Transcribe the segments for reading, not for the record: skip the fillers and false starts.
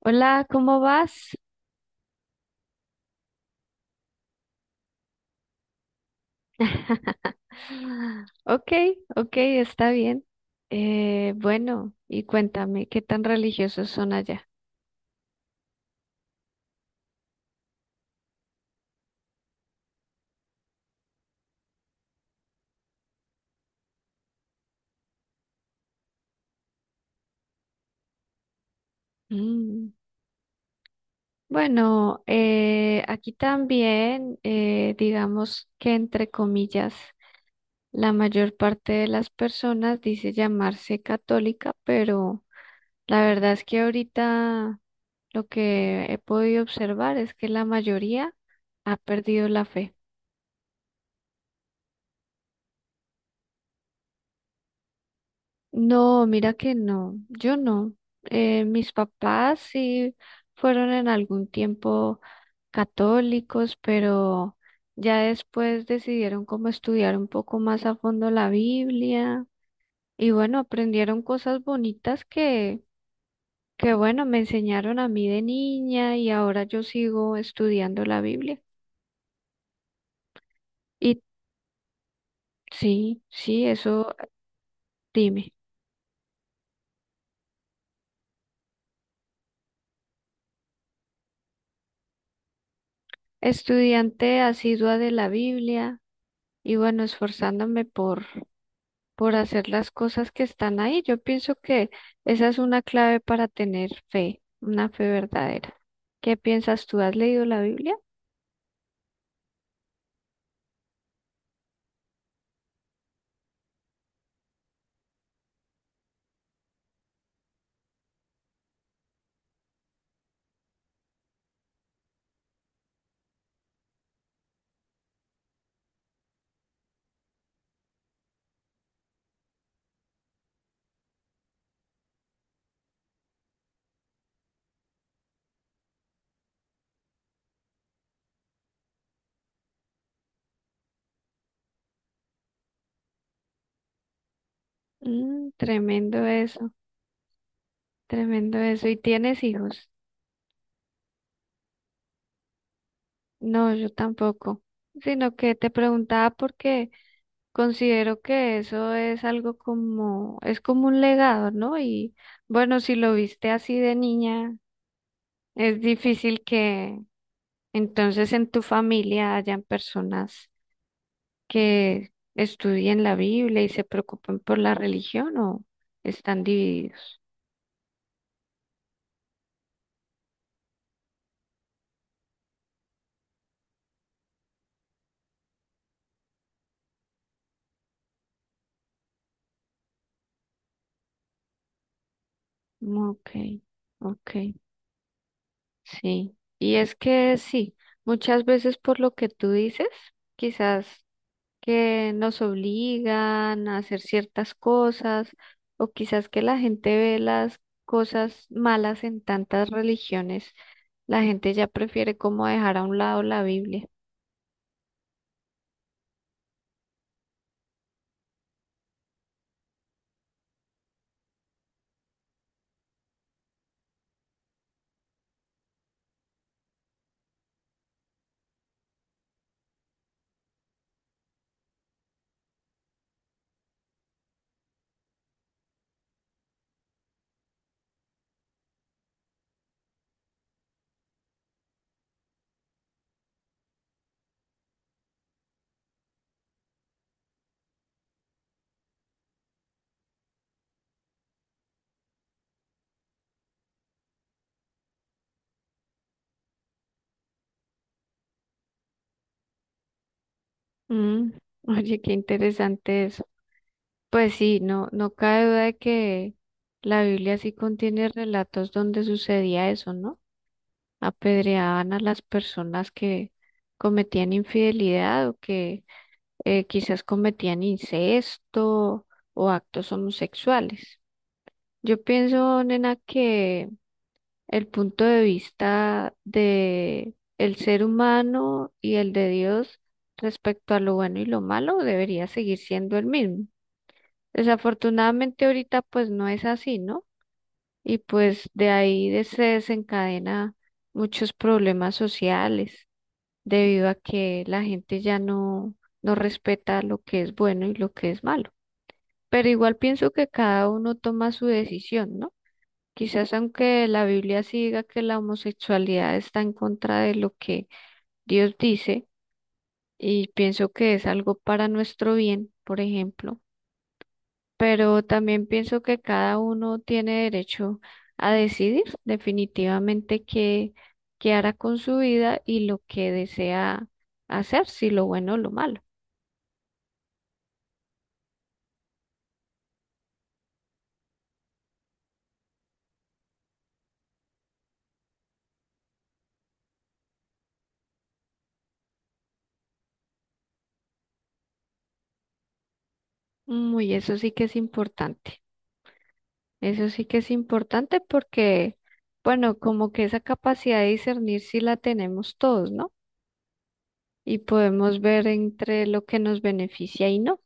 Hola, ¿cómo vas? Ok, ok, está bien. Bueno, y cuéntame, ¿qué tan religiosos son allá? Mm, bueno, aquí también, digamos que entre comillas, la mayor parte de las personas dice llamarse católica, pero la verdad es que ahorita lo que he podido observar es que la mayoría ha perdido la fe. No, mira que no, yo no. Mis papás sí fueron en algún tiempo católicos, pero ya después decidieron como estudiar un poco más a fondo la Biblia y bueno, aprendieron cosas bonitas que bueno, me enseñaron a mí de niña y ahora yo sigo estudiando la Biblia. Y sí, sí, eso. Dime. Estudiante asidua de la Biblia y bueno, esforzándome por hacer las cosas que están ahí. Yo pienso que esa es una clave para tener fe, una fe verdadera. ¿Qué piensas tú? ¿Has leído la Biblia? Mm, tremendo eso, tremendo eso. ¿Y tienes hijos? No, yo tampoco. Sino que te preguntaba porque considero que eso es algo como, es como un legado, ¿no? Y bueno, si lo viste así de niña, es difícil que entonces en tu familia hayan personas que estudien la Biblia y se preocupen por la religión o ¿están divididos? Ok, ok, sí. Y es que sí, muchas veces por lo que tú dices, quizás que nos obligan a hacer ciertas cosas o quizás que la gente ve las cosas malas en tantas religiones, la gente ya prefiere como dejar a un lado la Biblia. Mm, oye, qué interesante eso. Pues sí, no, no cabe duda de que la Biblia sí contiene relatos donde sucedía eso, ¿no? Apedreaban a las personas que cometían infidelidad o que quizás cometían incesto o actos homosexuales. Yo pienso, nena, que el punto de vista de el ser humano y el de Dios respecto a lo bueno y lo malo debería seguir siendo el mismo. Desafortunadamente ahorita pues no es así, ¿no? Y pues de ahí se desencadena muchos problemas sociales debido a que la gente ya no, no respeta lo que es bueno y lo que es malo. Pero igual pienso que cada uno toma su decisión, ¿no? Quizás aunque la Biblia sí diga que la homosexualidad está en contra de lo que Dios dice, y pienso que es algo para nuestro bien, por ejemplo, pero también pienso que cada uno tiene derecho a decidir definitivamente qué, qué hará con su vida y lo que desea hacer, si lo bueno o lo malo. Muy, eso sí que es importante. Eso sí que es importante porque, bueno, como que esa capacidad de discernir sí la tenemos todos, ¿no? Y podemos ver entre lo que nos beneficia y no.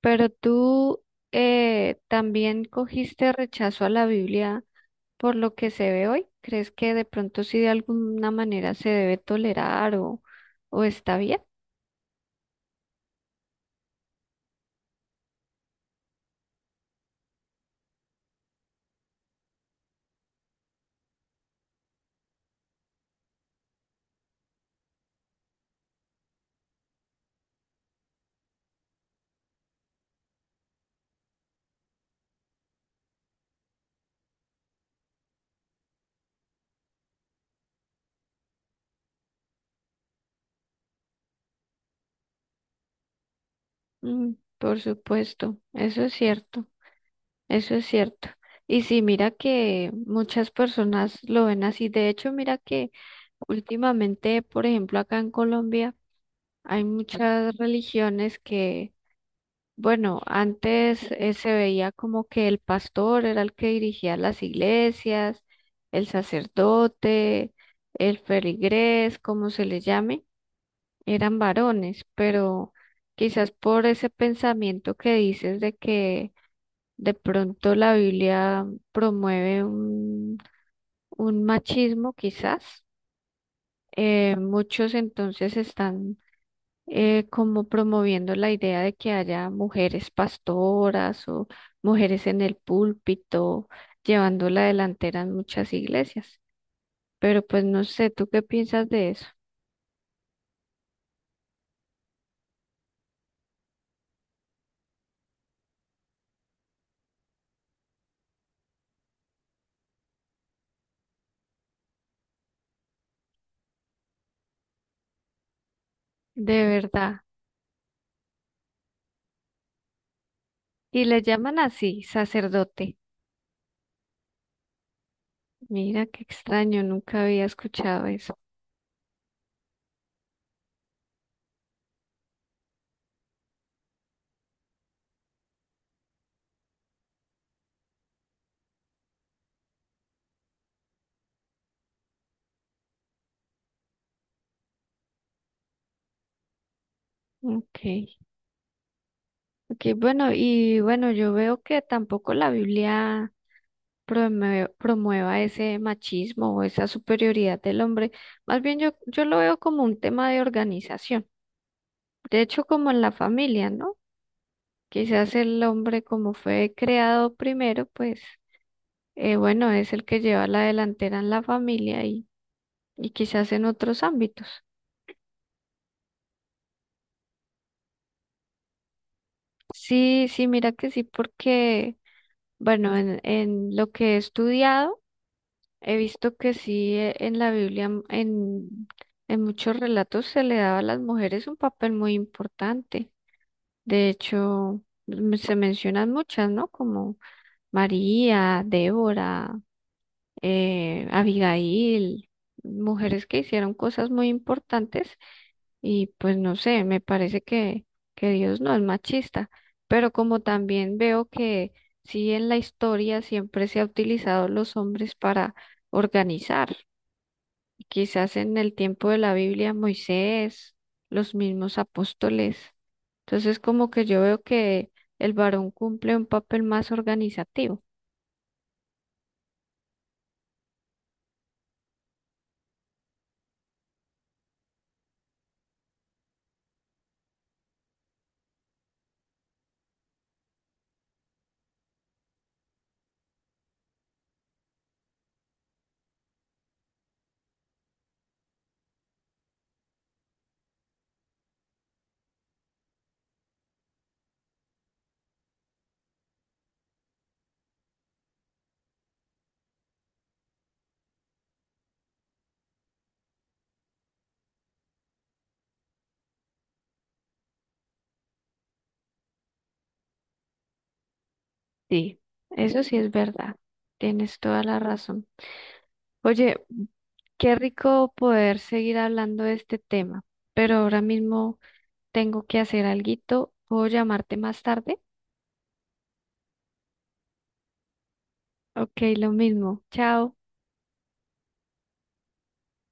Pero tú también cogiste rechazo a la Biblia. Por lo que se ve hoy, ¿crees que de pronto sí de alguna manera se debe tolerar o está bien? Mm, por supuesto, eso es cierto, eso es cierto. Y sí, mira que muchas personas lo ven así. De hecho, mira que últimamente, por ejemplo, acá en Colombia hay muchas religiones que bueno, antes se veía como que el pastor era el que dirigía las iglesias, el sacerdote, el feligrés, como se le llame, eran varones, pero quizás por ese pensamiento que dices de que de pronto la Biblia promueve un machismo, quizás, muchos entonces están como promoviendo la idea de que haya mujeres pastoras o mujeres en el púlpito, llevando la delantera en muchas iglesias. Pero pues no sé, ¿tú qué piensas de eso? De verdad. Y le llaman así, sacerdote. Mira, qué extraño, nunca había escuchado eso. Ok, ok, bueno, y bueno, yo veo que tampoco la Biblia promueva ese machismo o esa superioridad del hombre. Más bien yo, yo lo veo como un tema de organización. De hecho, como en la familia, ¿no? Quizás el hombre, como fue creado primero, pues, bueno, es el que lleva la delantera en la familia y quizás en otros ámbitos. Sí, sí, mira que sí, porque, bueno, en lo que he estudiado, he visto que sí, en la Biblia, en muchos relatos se le daba a las mujeres un papel muy importante. De hecho, se mencionan muchas, ¿no? Como María, Débora, Abigail, mujeres que hicieron cosas muy importantes y pues no sé, me parece que Dios no es machista, pero como también veo que sí en la historia siempre se ha utilizado los hombres para organizar. Quizás en el tiempo de la Biblia, Moisés, los mismos apóstoles. Entonces, como que yo veo que el varón cumple un papel más organizativo. Sí, eso sí es verdad. Tienes toda la razón. Oye, qué rico poder seguir hablando de este tema, pero ahora mismo tengo que hacer alguito. ¿Puedo llamarte más tarde? Ok, lo mismo. Chao.